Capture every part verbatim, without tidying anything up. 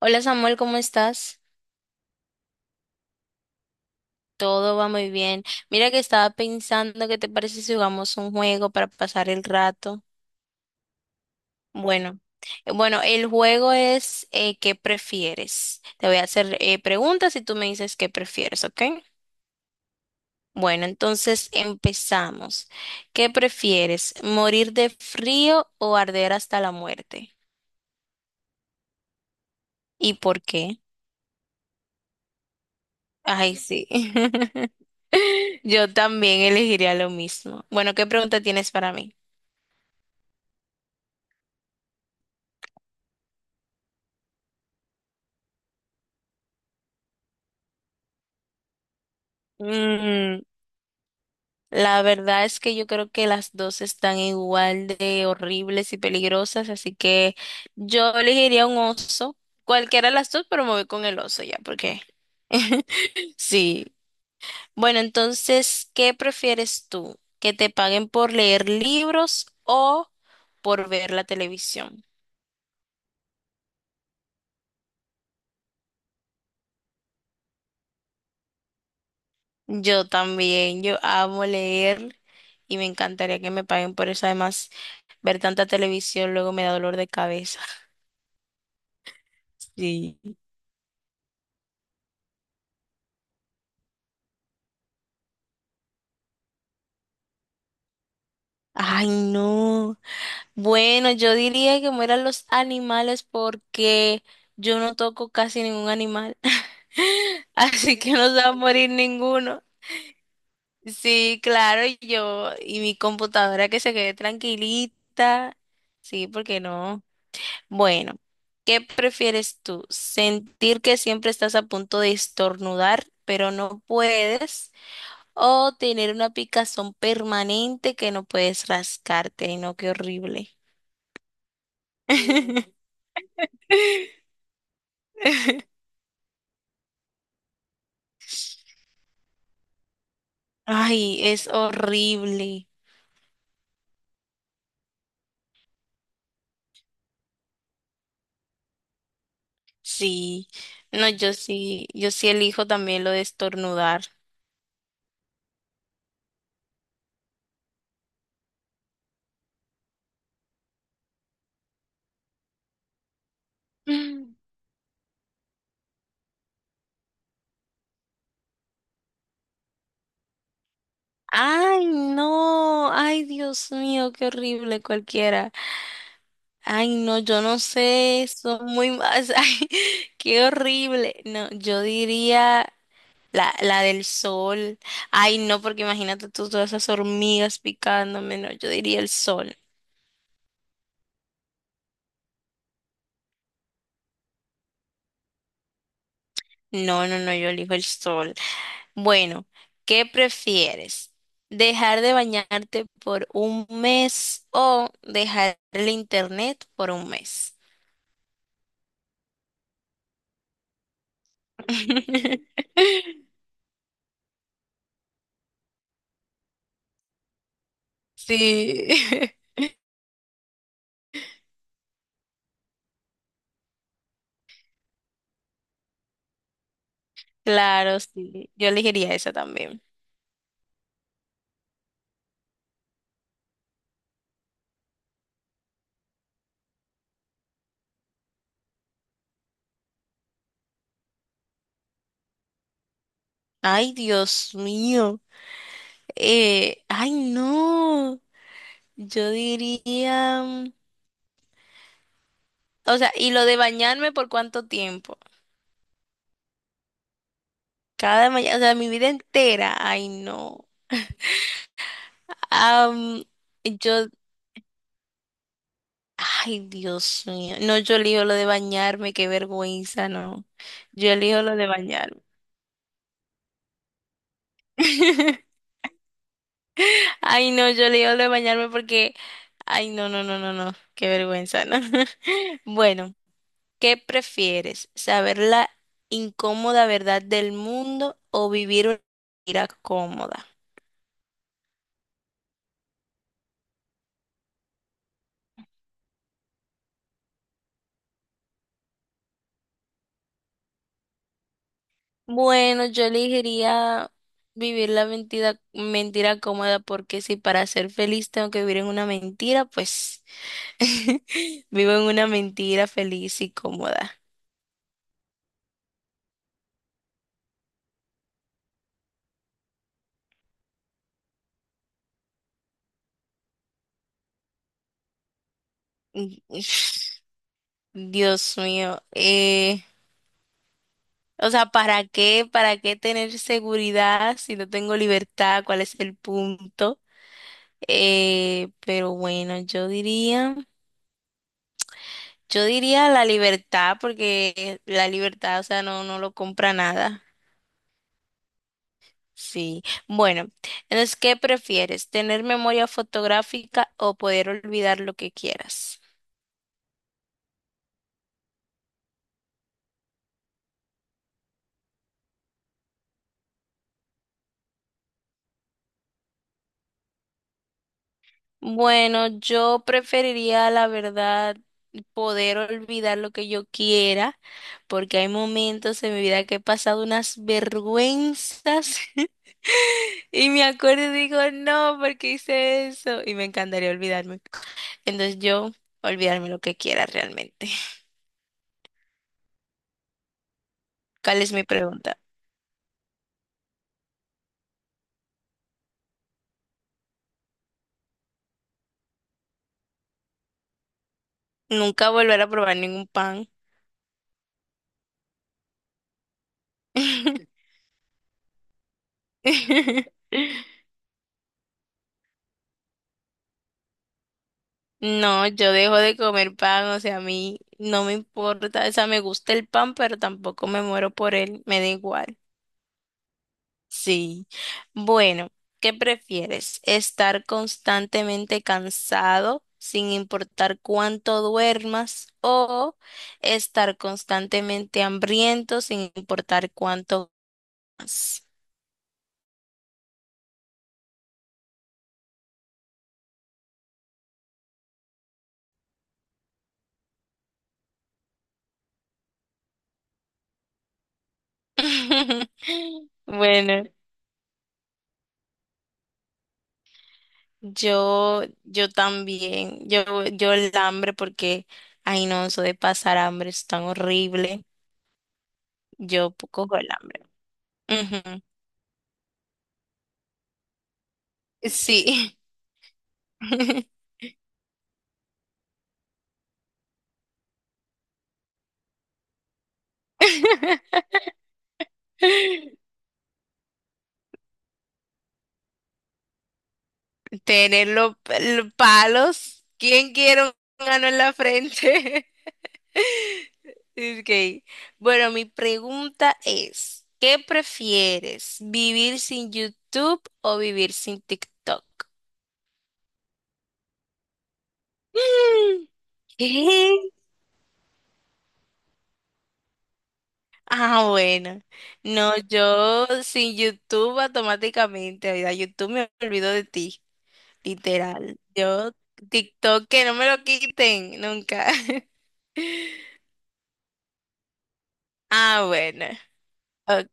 Hola Samuel, ¿cómo estás? Todo va muy bien. Mira que estaba pensando, ¿qué te parece si jugamos un juego para pasar el rato? Bueno, eh, bueno, el juego es eh, ¿qué prefieres? Te voy a hacer eh, preguntas y tú me dices qué prefieres, ¿ok? Bueno, entonces empezamos. ¿Qué prefieres? ¿Morir de frío o arder hasta la muerte? ¿Y por qué? Ay, sí. Yo también elegiría lo mismo. Bueno, ¿qué pregunta tienes para mí? Mm, la verdad es que yo creo que las dos están igual de horribles y peligrosas, así que yo elegiría un oso, cualquiera de las dos, pero me voy con el oso ya, porque sí. Bueno, entonces, ¿qué prefieres tú? ¿Que te paguen por leer libros o por ver la televisión? Yo también, yo amo leer y me encantaría que me paguen por eso. Además, ver tanta televisión luego me da dolor de cabeza. Sí. Ay, no. Bueno, yo diría que mueran los animales porque yo no toco casi ningún animal. Así que no se va a morir ninguno. Sí, claro, y yo y mi computadora que se quede tranquilita. Sí, ¿porque no? Bueno, ¿qué prefieres tú? ¿Sentir que siempre estás a punto de estornudar, pero no puedes? ¿O tener una picazón permanente que no puedes rascarte? No, qué horrible. Ay, es horrible. Sí. No, yo sí, yo sí elijo también lo de estornudar. Mm. Ay, no. Ay, Dios mío, qué horrible cualquiera. Ay, no, yo no sé, son muy más. Ay, qué horrible. No, yo diría la, la del sol. Ay, no, porque imagínate tú todas esas hormigas picándome. No, yo diría el sol. No, no, no, yo elijo el sol. Bueno, ¿qué prefieres? ¿Dejar de bañarte por un mes o dejar el internet por un mes? Sí, claro, sí. Yo elegiría esa también. Ay, Dios mío. Eh, ay, no. Yo diría, mm, o sea, y lo de bañarme por cuánto tiempo. Cada mañana, o sea, mi vida entera. Ay, no. Am, yo Ay, Dios mío. No, yo elijo lo de bañarme, qué vergüenza, no. Yo elijo lo de bañarme. Ay, no, yo elijo lo de bañarme porque, ay, no, no, no, no, no, qué vergüenza, ¿no? Bueno, ¿qué prefieres? ¿Saber la incómoda verdad del mundo o vivir una mentira cómoda? Bueno, yo elegiría vivir la mentira, mentira cómoda porque si para ser feliz tengo que vivir en una mentira, pues... Vivo en una mentira feliz y cómoda. Mm, Dios mío. Eh, o sea, ¿para qué? ¿Para qué tener seguridad si no tengo libertad? ¿Cuál es el punto? Eh, pero bueno, yo diría, yo diría la libertad, porque la libertad, o sea, no, no lo compra nada. Sí. Bueno, entonces, ¿qué prefieres? ¿Tener memoria fotográfica o poder olvidar lo que quieras? Bueno, yo preferiría, la verdad, poder olvidar lo que yo quiera, porque hay momentos en mi vida que he pasado unas vergüenzas y me acuerdo y digo, no, ¿porque hice eso? Y me encantaría olvidarme. Entonces yo, olvidarme lo que quiera realmente. ¿Cuál es mi pregunta? Nunca volver a probar ningún pan. No, yo dejo de comer pan, o sea, a mí no me importa, o sea, me gusta el pan, pero tampoco me muero por él, me da igual. Sí. Bueno, ¿qué prefieres? ¿Estar constantemente cansado sin importar cuánto duermas o estar constantemente hambriento sin importar cuánto comas? Bueno. Yo, yo también, yo, yo el hambre porque, ay no, eso de pasar hambre es tan horrible. Yo po- cojo el hambre. Ujú, sí. Tener los los palos. ¿Quién quiere un ano en la frente? Okay. Bueno, mi pregunta es, ¿qué prefieres? ¿Vivir sin YouTube o vivir sin TikTok? Mm, ¿qué? Ah, bueno. No, yo sin YouTube automáticamente, oiga, YouTube me olvido de ti, literal. Yo TikTok que no me lo quiten nunca. Ah, bueno. Ok.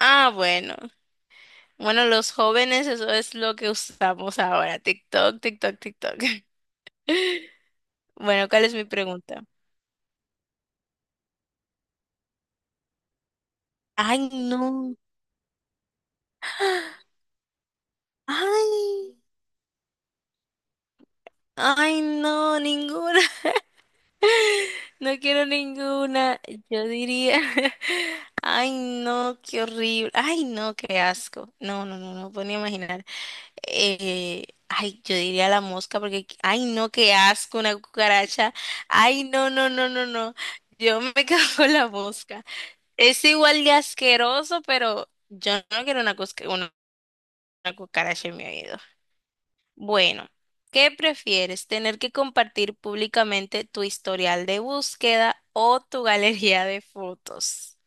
Ah, bueno. Bueno, los jóvenes, eso es lo que usamos ahora. TikTok, TikTok, TikTok. Bueno, ¿cuál es mi pregunta? Ay, no. Ay, ay, no, ninguna. No quiero ninguna. Yo diría, ay, no, qué horrible. Ay, no, qué asco. No, no, no, no puedo ni imaginar. Eh, ay, yo diría la mosca porque, qu- ay, no, qué asco, una cucaracha. Ay, no, no, no, no, no. Yo me quedo con la mosca. Es igual de asqueroso, pero yo no quiero una, cusca- una, una cucaracha en mi oído. Bueno, ¿qué prefieres? ¿Tener que compartir públicamente tu historial de búsqueda o tu galería de fotos?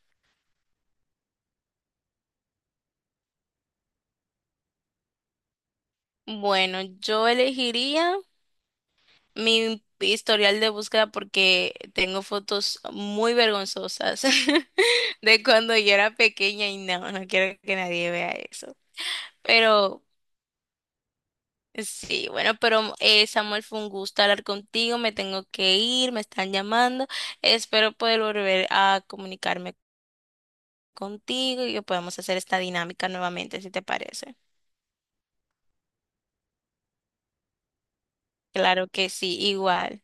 Bueno, yo elegiría mi historial de búsqueda porque tengo fotos muy vergonzosas de cuando yo era pequeña y no, no quiero que nadie vea eso. Pero sí, bueno, pero eh, Samuel, fue un gusto hablar contigo, me tengo que ir, me están llamando, espero poder volver a comunicarme contigo y podemos hacer esta dinámica nuevamente, si te parece. Claro que sí, igual.